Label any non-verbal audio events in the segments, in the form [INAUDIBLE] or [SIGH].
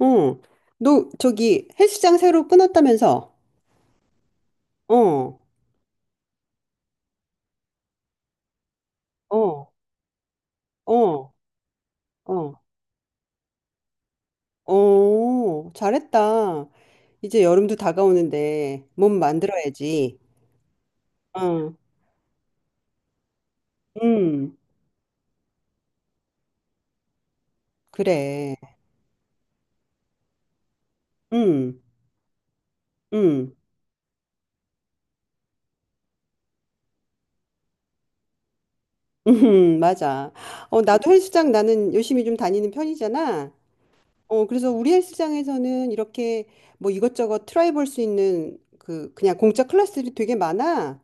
어, 너 저기 헬스장 새로 끊었다면서? 어, 어, 어, 어. 어, 잘했다. 이제 여름도 다가오는데 몸 만들어야지. 어. 음, 그래. 음, 음, [LAUGHS] 맞아. 어, 나도 헬스장 나는 열심히 좀 다니는 편이잖아. 어, 그래서 우리 헬스장에서는 이렇게 뭐 이것저것 트라이 볼 수 있는 그 그냥 공짜 클래스들이 되게 많아.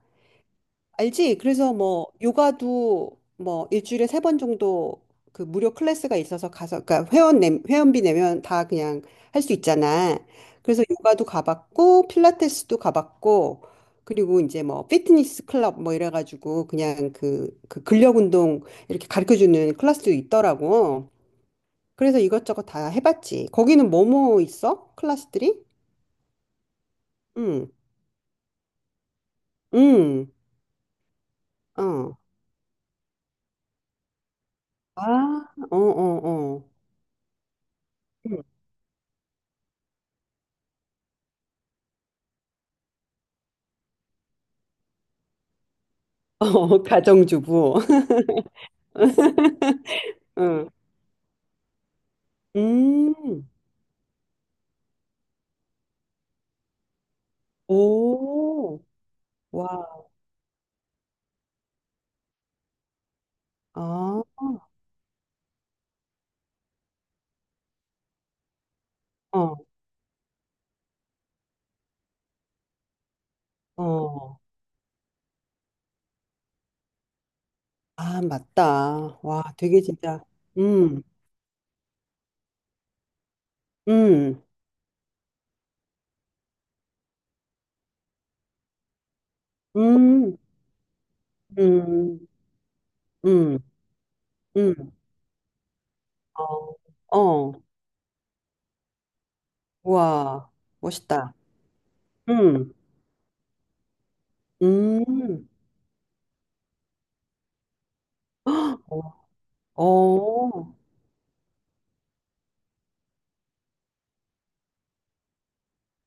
알지? 그래서 뭐 요가도 뭐 일주일에 세 번 정도 그 무료 클래스가 있어서 가서 그러니까 회원비 내면 다 그냥 할 수 있잖아. 그래서 요가도 가봤고 필라테스도 가봤고, 그리고 이제 뭐 피트니스 클럽 뭐 이래가지고 그냥 그 근력 운동 이렇게 가르쳐주는 클래스도 있더라고. 그래서 이것저것 다 해봤지. 거기는 뭐뭐 있어? 클래스들이? 응, 응, 어. 아, 어, 어, 어. 어, [LAUGHS] 가정주부. [LAUGHS] 응. 음. 오. 와. 아. 어. 어. 아, 맞다. 와, 되게 진짜. 음. 음. 음. 음. 음. 음. 어. 어. 와. 멋있다. 음. 음. [GASPS] 어. 어.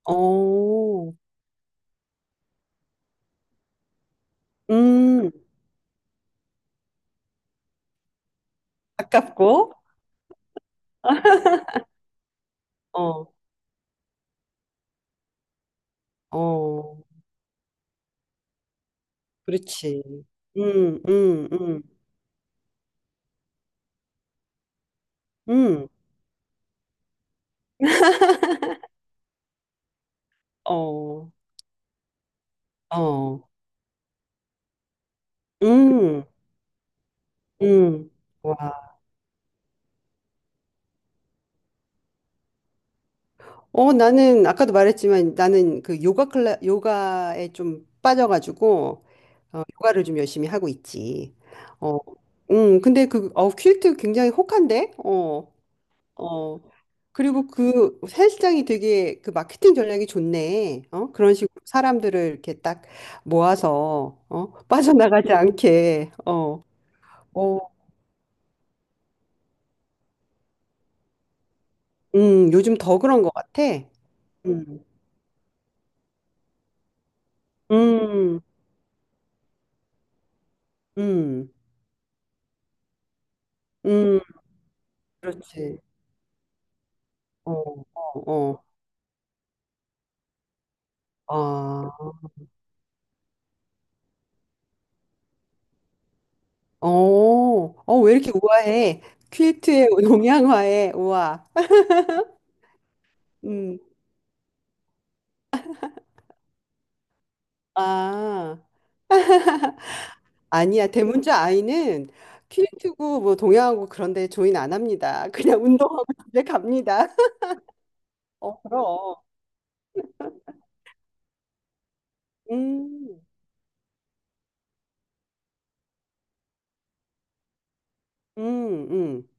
어. 음. 아깝고. 어. 어. 그렇지. 음. 음. 음. 음. 어, 어, 음, 음. 와, 어, 나는 아까도 말했지만 나는 그 요가에 좀 빠져가지고, 요가를 좀 열심히 하고 있지. 어, 근데 그 퀼트 굉장히 혹한데, 어, 어. 그리고 그 헬스장이 되게 그 마케팅 전략이 좋네. 어, 그런 식으로 사람들을 이렇게 딱 모아서 빠져나가지 않게. 어, 어, 요즘 더 그런 것 같아. 음. 음, 음, 음, 그렇지. 어, 어, 어. 아, 어, 어, 왜 이렇게 우아해? 퀼트의 [LAUGHS] 동양화에 우아. 음, 아, 아니야. 대문자 아이는 퀼트고 뭐 동양하고 그런데 조인 안 합니다. 그냥 운동하고 [LAUGHS] 집에 갑니다. [LAUGHS] 어, 그럼. 음, 음, 음,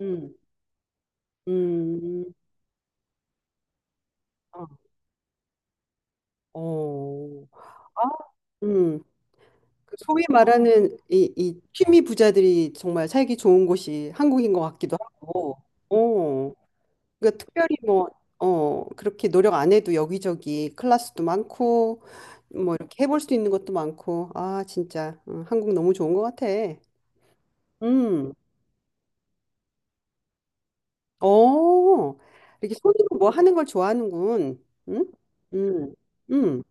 음, 음, 어, 어. 아, 음, 그 소위 말하는 이 취미 부자들이 정말 살기 좋은 곳이 한국인 것 같기도 하고, 어, 그러니까 특별히 뭐, 그렇게 노력 안 해도 여기저기 클래스도 많고, 뭐 이렇게 해볼 수 있는 것도 많고, 아, 진짜, 한국 너무 좋은 것 같아. 음, 어, 이렇게 손으로 뭐 하는 걸 좋아하는군. 응? 음, 음,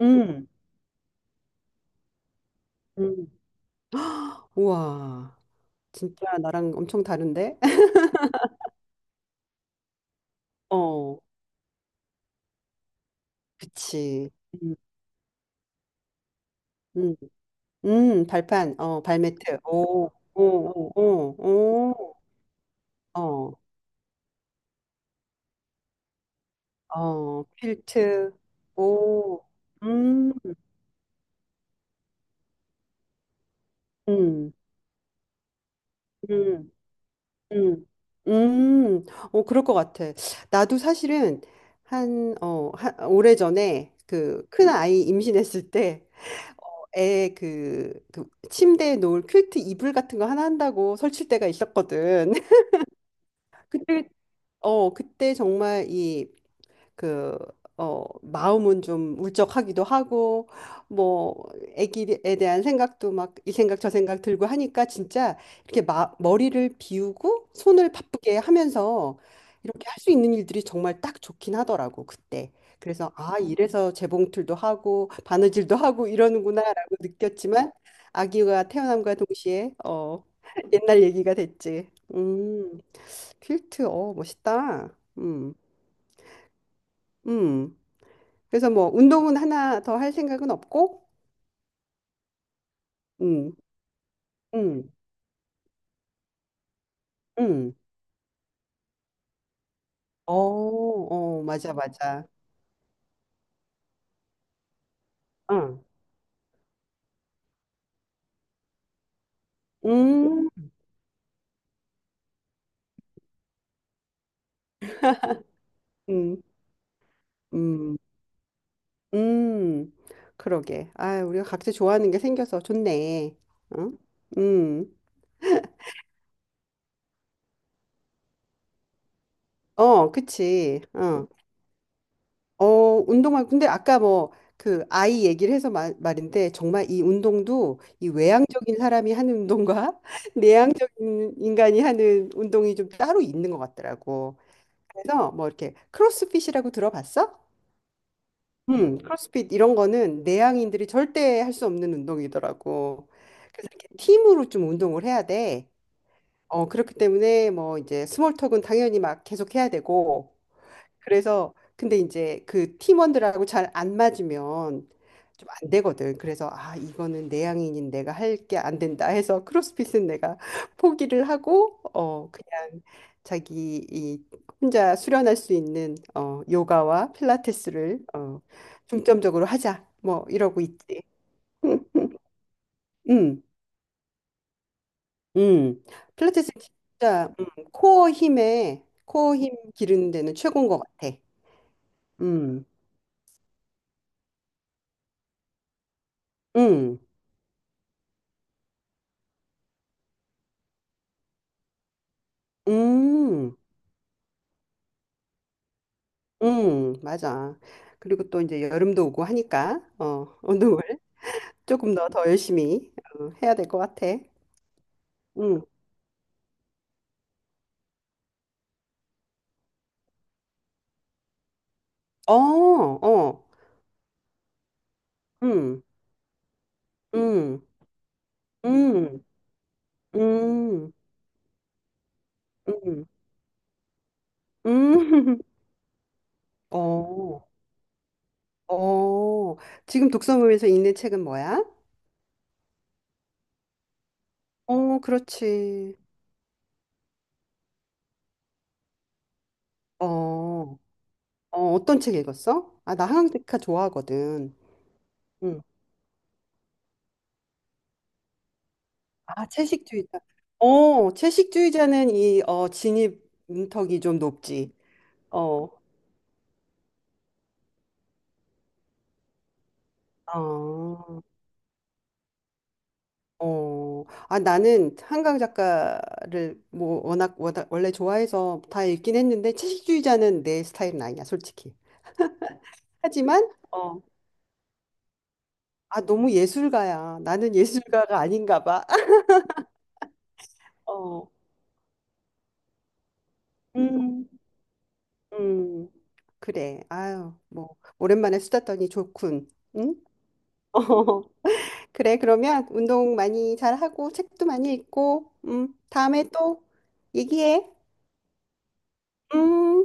음, 음. 우와, 진짜 나랑 엄청 다른데? [LAUGHS] 어, 그치. 음, 음. 발판, 발매트. 오, 오, 오, 오, 오, 어, 어, 퀼트. 오, 음, 음, 음, 음, 음, 오, 그럴 것 같아. 나도 사실은 한 오래전에 그 큰 아이 임신했을 때, 애 그 침대에 놓을 퀼트 이불 같은 거 하나 한다고 설칠 때가 있었거든. [LAUGHS] 그때, 그때 정말 이 그, 마음은 좀 울적하기도 하고, 뭐, 애기에 대한 생각도 막 이 생각 저 생각 들고 하니까 진짜 이렇게 머리를 비우고 손을 바쁘게 하면서 이렇게 할 수 있는 일들이 정말 딱 좋긴 하더라고, 그때. 그래서, 아, 이래서 재봉틀도 하고, 바느질도 하고 이러는구나라고 느꼈지만, 아기가 태어남과 동시에, [LAUGHS] 옛날 얘기가 됐지. 퀼트, 어, 멋있다. 음, 음. 그래서 뭐 운동은 하나 더 할 생각은 없고, 음, 음, 음. 어, 어, 맞아, 맞아. 응, 음, 음, 음, 음. 그러게. 아, 우리가 각자 좋아하는 게 생겨서 좋네. 응, 음, 어, 그치. 어, 어, 운동할. 근데 아까 뭐 그 아이 얘기를 해서 말인데 정말 이 운동도 이 외향적인 사람이 하는 운동과 [LAUGHS] 내향적인 인간이 하는 운동이 좀 따로 있는 것 같더라고. 그래서 뭐 이렇게 크로스핏이라고 들어봤어? 크로스핏 이런 거는 내향인들이 절대 할 수 없는 운동이더라고. 그래서 이렇게 팀으로 좀 운동을 해야 돼. 어, 그렇기 때문에 뭐 이제 스몰 톡은 당연히 막 계속 해야 되고, 그래서 근데 이제 그 팀원들하고 잘 안 맞으면 좀 안 되거든. 그래서 아, 이거는 내향인인 내가 할 게 안 된다 해서 크로스핏은 내가 [LAUGHS] 포기를 하고 그냥 자기 이 혼자 수련할 수 있는 요가와 필라테스를 중점적으로 하자. 뭐 이러고 있지. 응. 음. 음. 필라테스 진짜 코어 힘 기르는 데는 최고인 것 같아. 음. 음. 음. 맞아. 그리고 또 이제 여름도 오고 하니까 어, [LAUGHS] 운동을 조금 더 더 열심히 해야 될 것 같아. 음. 어, 어. 음. 음. 음. 음. 음. 음. [LAUGHS] 어. 어. 지금 독서모임에서 읽는 책은 뭐야? 어, 그렇지. 어. 어, 어떤 책 읽었어? 아, 나 한강리카 좋아하거든. 응. 아, 채식주의자. 어, 채식주의자는 이 진입 문턱이 좀 높지. 어, 어, 어. 아, 나는 한강 작가를 뭐 워낙, 워낙 원래 좋아해서 다 읽긴 했는데 채식주의자는 내 스타일은 아니야, 솔직히. 하지만 아, 너무 예술가야. 나는 예술가가 아닌가 봐. [LAUGHS] 어, 음, 음. 그래. 아유, 뭐 오랜만에 수다 떠니 좋군. 응? [LAUGHS] 그래, 그러면 운동 많이 잘하고 책도 많이 읽고, 다음에 또 얘기해. 음.